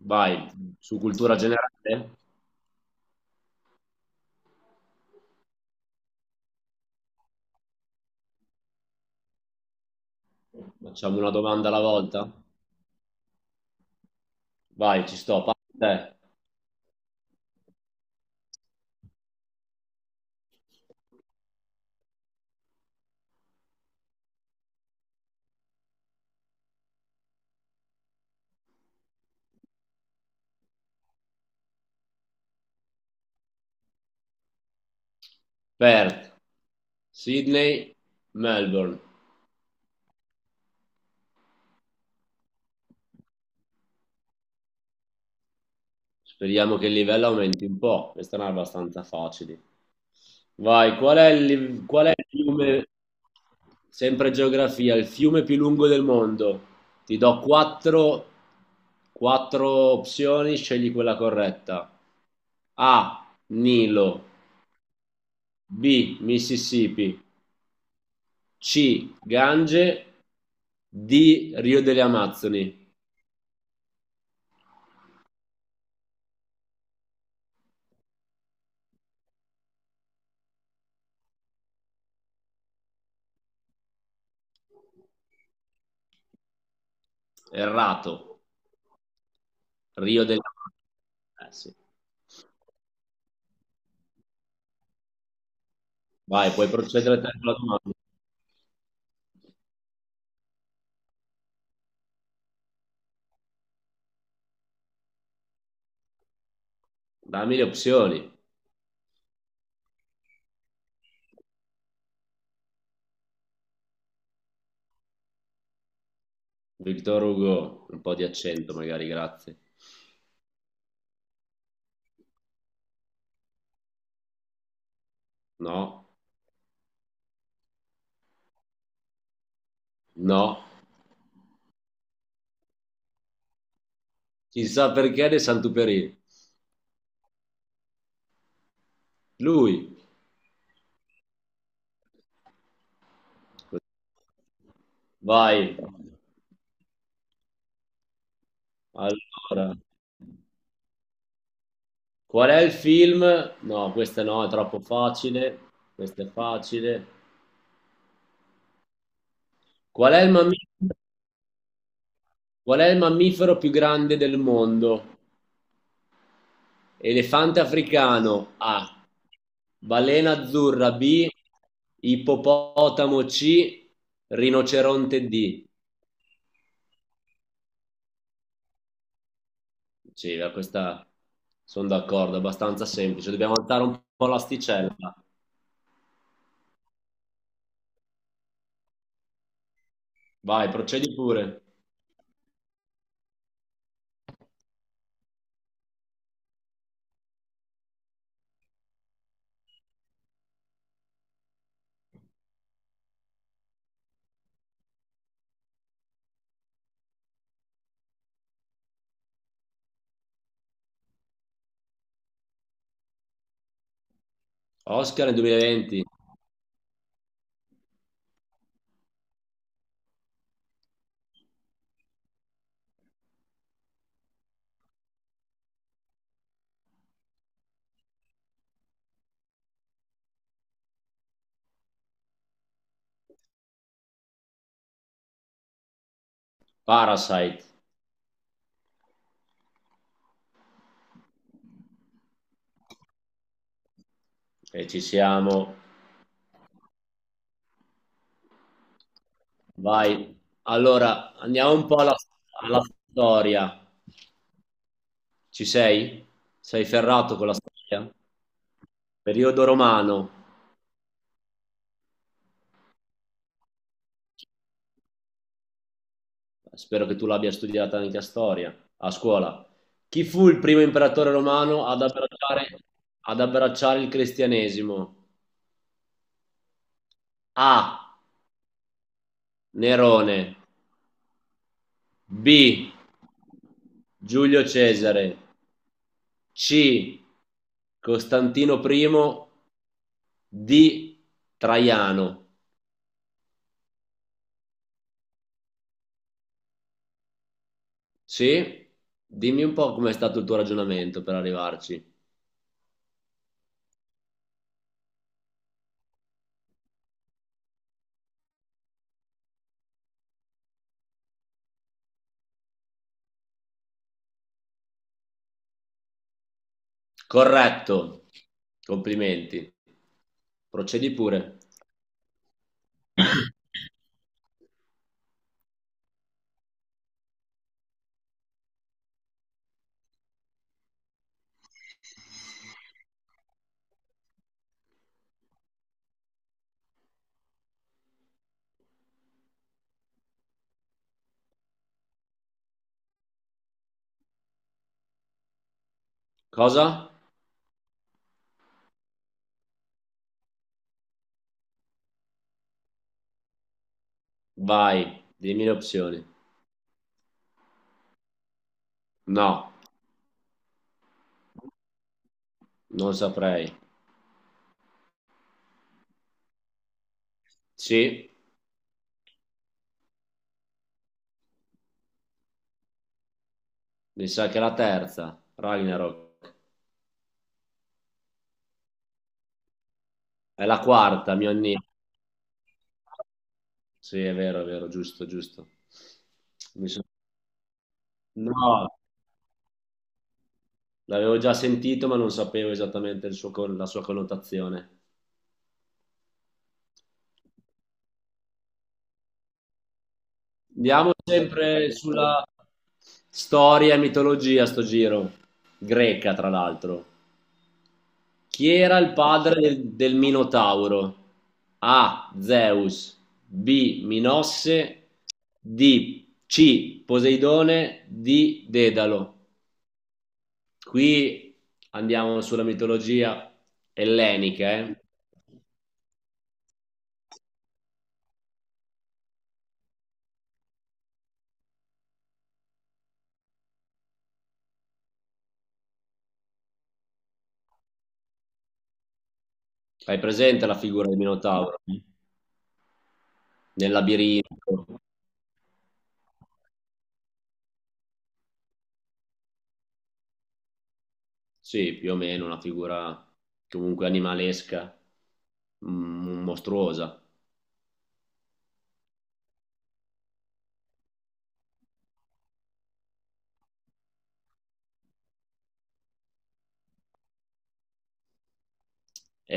Vai, su cultura generale, facciamo una domanda alla volta. Vai, ci sto. Parte te. Perth, Sydney, Melbourne. Speriamo che il livello aumenti un po'. Queste erano abbastanza facili. Vai, qual è il, qual è il fiume, sempre geografia, il fiume più lungo del mondo? Ti do quattro opzioni, scegli quella corretta. A, Nilo, B, Mississippi, C. Gange. D. Rio delle Amazzoni. Errato. Rio delle Amazzoni. Sì. Vai, puoi procedere te con la domanda. Dammi le opzioni. Victor Hugo, un po' di accento magari, grazie. No, no. Chissà perché De Santuperi. Lui. Vai. Allora, qual è il film? No, questa no, è troppo facile. Questa è facile. Qual è il mammifero? Qual è il mammifero più grande del mondo? Elefante africano A, balena azzurra B, ippopotamo C, rinoceronte D. Sì, beh, questa sono d'accordo, è abbastanza semplice. Dobbiamo alzare un po' l'asticella. Vai, procedi pure. Oscar nel 2020, Parasite. E ci siamo. Vai. Allora, andiamo un po' alla storia. Ci sei? Sei ferrato con la storia? Periodo romano. Spero che tu l'abbia studiata anche a storia, a scuola. Chi fu il primo imperatore romano ad ad abbracciare il cristianesimo? A. Nerone. B. Giulio Cesare. C. Costantino I. D. Traiano. Sì? Dimmi un po' com'è stato il tuo ragionamento per arrivarci. Corretto. Complimenti. Procedi pure. Cosa? Vai, dimmi le opzioni. No, non saprei. Sì, mi sa che è la terza, Ragnarok. È la quarta, mio nino. Sì, è vero, giusto, giusto. Mi sono- No, l'avevo già sentito, ma non sapevo esattamente il suo la sua connotazione. Andiamo sempre sulla storia e mitologia sto giro, greca tra l'altro. Chi era il padre del Minotauro? A. Zeus, B. Minosse, D. C. Poseidone, D. Dedalo. Qui andiamo sulla mitologia ellenica, eh? Hai presente la figura del Minotauro nel labirinto? Sì, più o meno una figura comunque animalesca, mostruosa.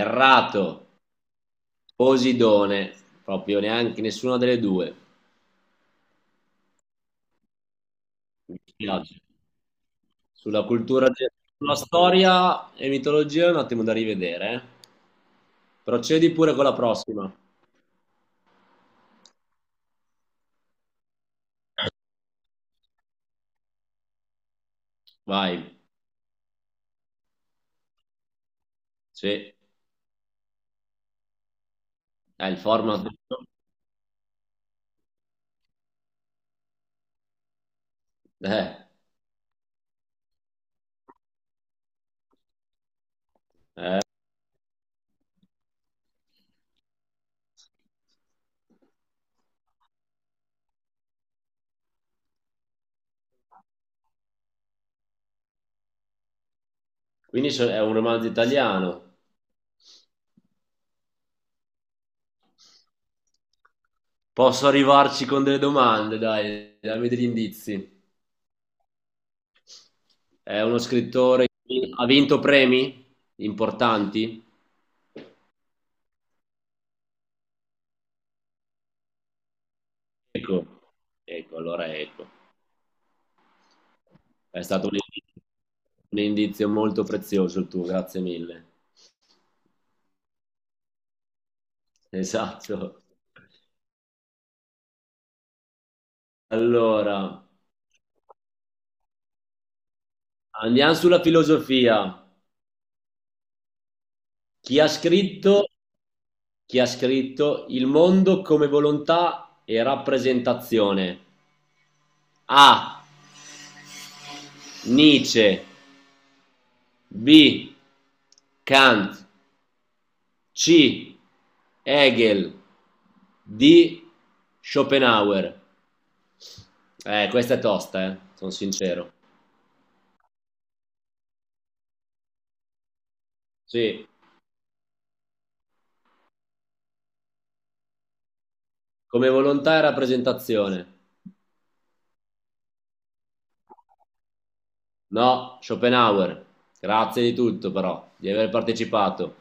Errato, Posidone, proprio neanche nessuna delle due. Mi dispiace. Sulla cultura, de- Sulla storia e mitologia è un attimo da rivedere, eh. Procedi pure con la prossima. Vai, sì, è il format. Eh. Quindi è un romanzo italiano. Posso arrivarci con delle domande, dai, dammi degli indizi. È uno scrittore, che ha vinto premi importanti? Ecco, ecco, allora ecco. È stato un indizio molto prezioso il tuo, grazie mille. Esatto. Allora, andiamo sulla filosofia. Chi ha scritto, chi ha scritto Il mondo come volontà e rappresentazione? A. Nietzsche. B. Kant. C. Hegel. D. Schopenhauer. Questa è tosta, sono sincero. Sì, come volontà e rappresentazione. No, Schopenhauer. Grazie di tutto però, di aver partecipato.